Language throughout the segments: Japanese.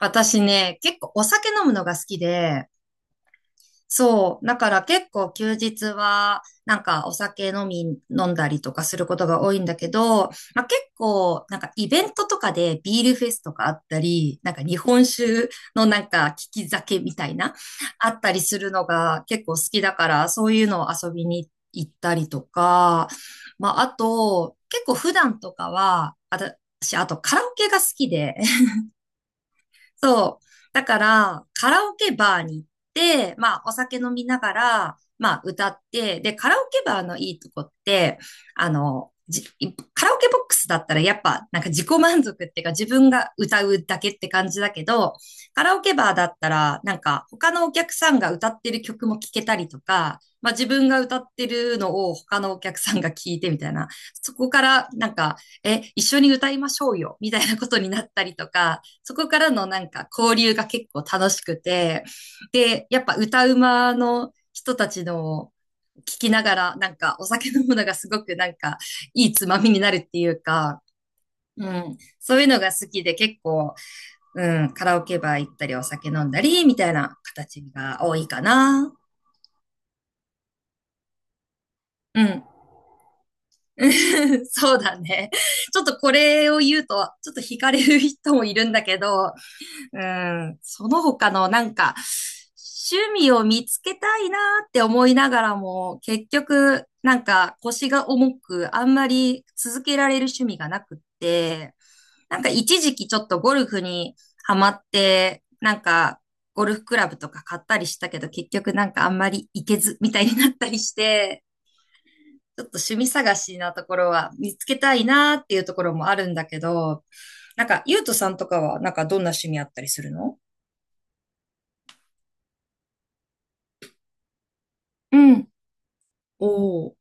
私ね、結構お酒飲むのが好きで、そう。だから結構休日は、なんかお酒飲んだりとかすることが多いんだけど、まあ、結構、なんかイベントとかでビールフェスとかあったり、なんか日本酒のなんか利き酒みたいな、あったりするのが結構好きだから、そういうのを遊びに行ったりとか、まあ、あと、結構普段とかは、私、あとカラオケが好きで、そう。だから、カラオケバーに行って、まあ、お酒飲みながら、まあ、歌って、で、カラオケバーのいいとこって、あの、じカラオケボックスだったらやっぱなんか自己満足っていうか自分が歌うだけって感じだけど、カラオケバーだったらなんか他のお客さんが歌ってる曲も聴けたりとか、まあ自分が歌ってるのを他のお客さんが聞いてみたいな、そこからなんか、一緒に歌いましょうよみたいなことになったりとか、そこからのなんか交流が結構楽しくて、で、やっぱ歌うまの人たちの聞きながら、なんかお酒飲むのがすごくなんかいいつまみになるっていうか、うん、そういうのが好きで結構、うん、カラオケバー行ったりお酒飲んだりみたいな形が多いかな。うん。そうだね。ちょっとこれを言うと、ちょっと惹かれる人もいるんだけど、うん、その他のなんか、趣味を見つけたいなーって思いながらも、結局、なんか腰が重く、あんまり続けられる趣味がなくって、なんか一時期ちょっとゴルフにハマって、なんかゴルフクラブとか買ったりしたけど、結局なんかあんまり行けずみたいになったりして、ちょっと趣味探しなところは見つけたいなーっていうところもあるんだけど、なんか、ゆうとさんとかは、なんかどんな趣味あったりするの？うん、おー。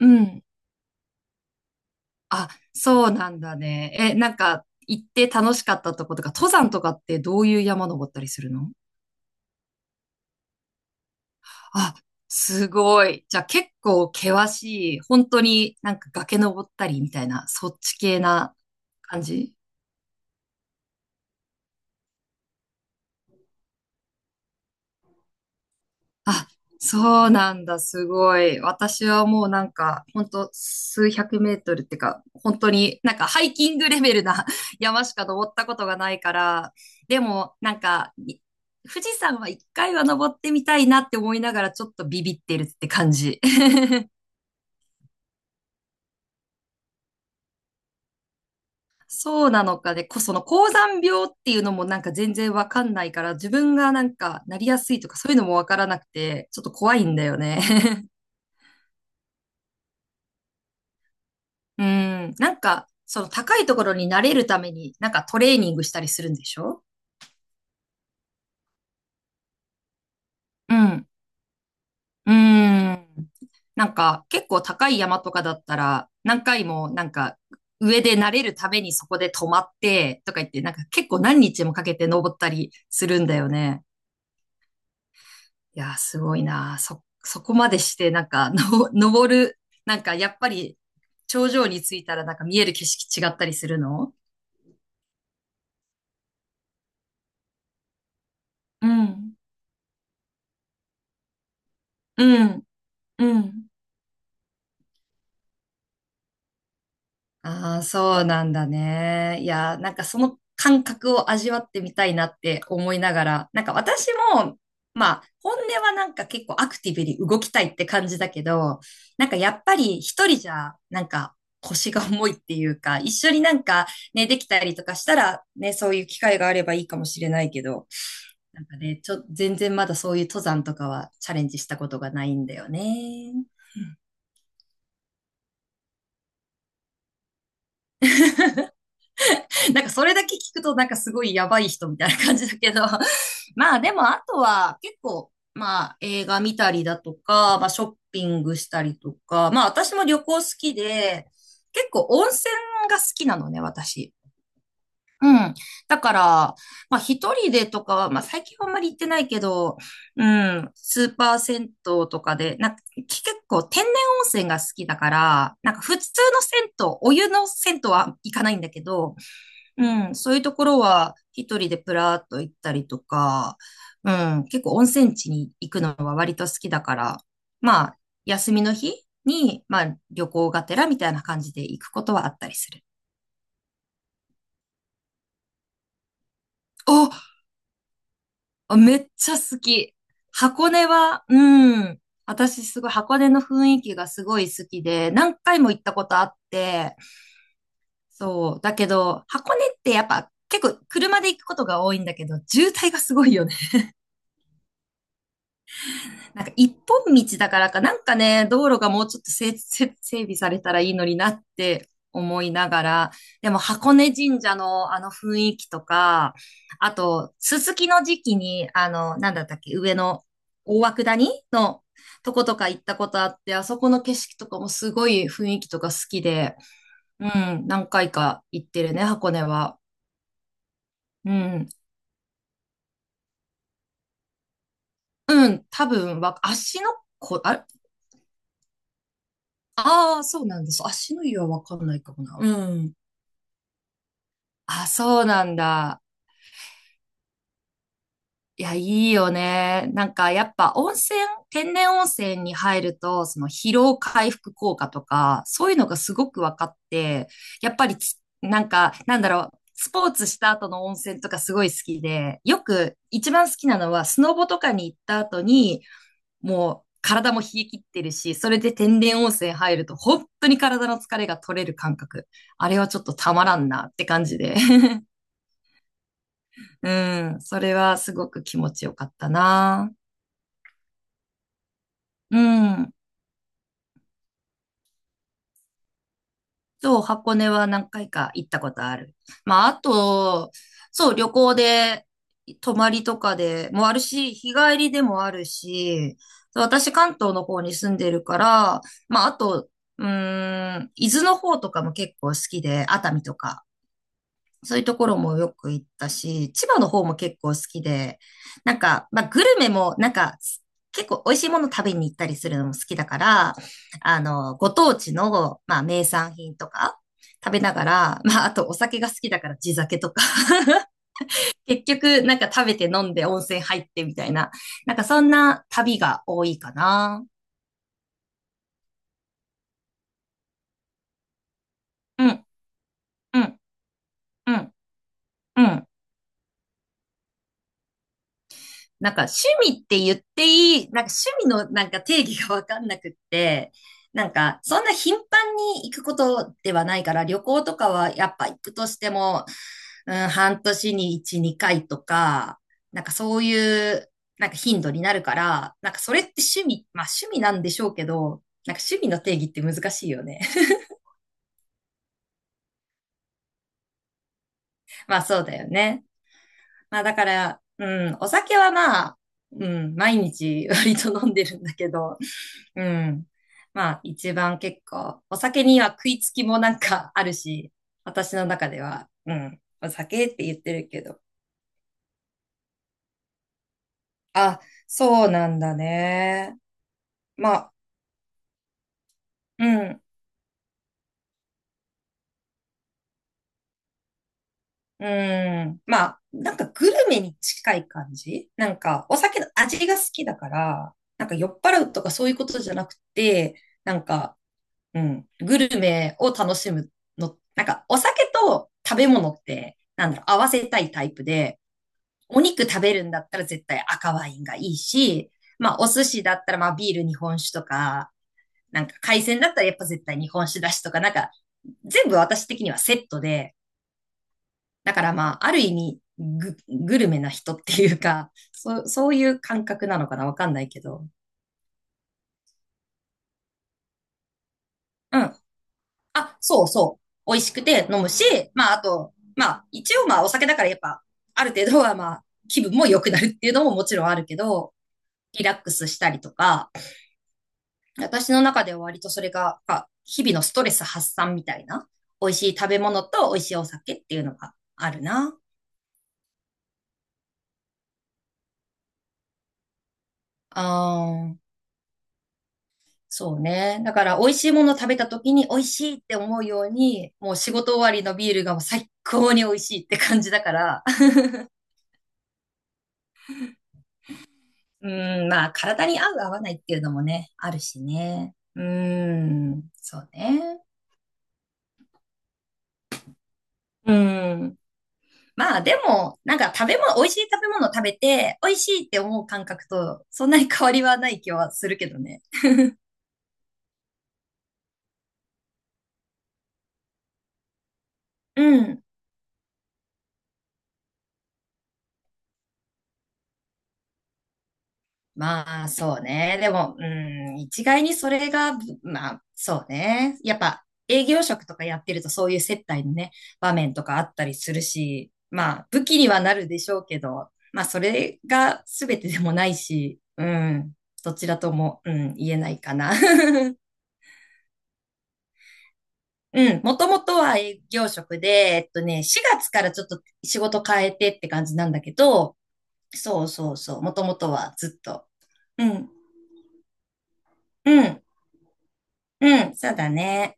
うん。あ、そうなんだね。え、なんか、行って楽しかったとことか、登山とかってどういう山登ったりするの？あ、すごい。じゃあ結構険しい、本当になんか崖登ったりみたいな、そっち系な感じ？あ、そうなんだ、すごい。私はもうなんか、ほんと数百メートルってか、本当になんかハイキングレベルな 山しか登ったことがないから、でもなんか、富士山は一回は登ってみたいなって思いながらちょっとビビってるって感じ。そうなのかね、その高山病っていうのもなんか全然わかんないから、自分がなんかなりやすいとかそういうのもわからなくて、ちょっと怖いんだよね。うん。なんか、その高いところに慣れるために、なんかトレーニングしたりするんでしょ？うん。うん。なんか、結構高い山とかだったら、何回も、なんか、上で慣れるためにそこで止まって、とか言って、なんか結構何日もかけて登ったりするんだよね。いやー、すごいなー。そこまでして、なんか、登る、なんか、やっぱり、頂上に着いたら、なんか見える景色違ったりするの？うん。うん。うん。ああ、そうなんだね。いや、なんかその感覚を味わってみたいなって思いながら、なんか私も、まあ、本音はなんか結構アクティブに動きたいって感じだけど、なんかやっぱり一人じゃ、なんか腰が重いっていうか、一緒になんかね、できたりとかしたら、ね、そういう機会があればいいかもしれないけど、なんかね、全然まだそういう登山とかはチャレンジしたことがないんだよね。なんかそれだけ聞くとなんかすごいやばい人みたいな感じだけど、まあでもあとは結構、まあ映画見たりだとか、まあショッピングしたりとか、まあ私も旅行好きで、結構温泉が好きなのね、私。うん。だから、まあ一人でとかは、まあ最近はあんまり行ってないけど、うん、スーパー銭湯とかで、なんか結構天然温泉が好きだから、なんか普通の銭湯、お湯の銭湯は行かないんだけど、うん、そういうところは一人でプラーっと行ったりとか、うん、結構温泉地に行くのは割と好きだから、まあ、休みの日に、まあ、旅行がてらみたいな感じで行くことはあったりする。お、あめっちゃ好き。箱根は、うん、私すごい箱根の雰囲気がすごい好きで、何回も行ったことあって、そう、だけど、箱根ってやっぱ結構車で行くことが多いんだけど、渋滞がすごいよね。なんか一本道だからか、なんかね、道路がもうちょっと整備されたらいいのになって思いながら、でも箱根神社のあの雰囲気とか、あと、すすきの時期に、あの、なんだったっけ、上の大涌谷のとことか行ったことあって、あそこの景色とかもすごい雰囲気とか好きで、うん、何回か行ってるね、箱根は。うん、うん、多分わ、足のこ、あれ、ああ、そうなんです。足の湯はわかんないかもな。うん。あ、そうなんだ。いや、いいよね。なんか、やっぱ温泉、天然温泉に入ると、その疲労回復効果とか、そういうのがすごく分かって、やっぱりなんか、なんだろう、スポーツした後の温泉とかすごい好きで、よく一番好きなのは、スノボとかに行った後に、もう体も冷え切ってるし、それで天然温泉入ると、本当に体の疲れが取れる感覚。あれはちょっとたまらんなって感じで。うん、それはすごく気持ちよかったな。うん。そう、箱根は何回か行ったことある。まあ、あと、そう、旅行で、泊まりとかでもあるし、日帰りでもあるし、私関東の方に住んでるから、まあ、あと、伊豆の方とかも結構好きで、熱海とか。そういうところもよく行ったし、千葉の方も結構好きで、なんか、まあ、グルメも、なんか、結構美味しいもの食べに行ったりするのも好きだから、あの、ご当地の、まあ、名産品とか食べながら、まあ、あとお酒が好きだから地酒とか、結局、なんか食べて飲んで温泉入ってみたいな、なんかそんな旅が多いかな。うん、うん、うん、うん。なんか趣味って言っていい、なんか趣味のなんか定義がわかんなくって、なんかそんな頻繁に行くことではないから、旅行とかはやっぱ行くとしても、うん、半年に1、2回とか、なんかそういうなんか頻度になるから、なんかそれって趣味、まあ趣味なんでしょうけど、なんか趣味の定義って難しいよね。まあそうだよね。まあだから、うん、お酒はまあ、うん、毎日 割と飲んでるんだけど、うん。まあ一番結構、お酒には食いつきもなんかあるし、私の中では、うん、お酒って言ってるけど。あ、そうなんだね。まあ、うん、うん。まあ、なんかグルメに近い感じなんか、お酒の味が好きだから、なんか酔っ払うとかそういうことじゃなくて、なんか、うん、グルメを楽しむの、なんかお酒と食べ物って、なんだろう、合わせたいタイプで、お肉食べるんだったら絶対赤ワインがいいし、まあお寿司だったらまあビール日本酒とか、なんか海鮮だったらやっぱ絶対日本酒だしとか、なんか全部私的にはセットで、だからまあある意味グルメな人っていうか、そう、そういう感覚なのかなわかんないけど。うん、あ、そうそう。美味しくて飲むし、まあ、あと、まあ、一応まあ、お酒だからやっぱ、ある程度はまあ、気分も良くなるっていうのももちろんあるけど、リラックスしたりとか、私の中では割とそれが、まあ日々のストレス発散みたいな、美味しい食べ物と美味しいお酒っていうのがあるな。あー、そうね。だから美味しいもの食べた時に美味しいって思うように、もう仕事終わりのビールがもう最高に美味しいって感じだから、うん、まあ、体に合う合わないっていうのもね、あるしね。うん、そうね。うん。まあ、でも、なんか食べ物、美味しい食べ物を食べて、美味しいって思う感覚と、そんなに変わりはない気はするけどね。うん。まあ、そうね。でも、うん、一概にそれが、まあ、そうね。やっぱ、営業職とかやってるとそういう接待のね、場面とかあったりするし、まあ、武器にはなるでしょうけど、まあ、それが全てでもないし、うん、どちらとも、うん、言えないかな。うん、もともとは営業職で、4月からちょっと仕事変えてって感じなんだけど、そうそうそう、もともとはずっと。うん、うん、うん、そうだね。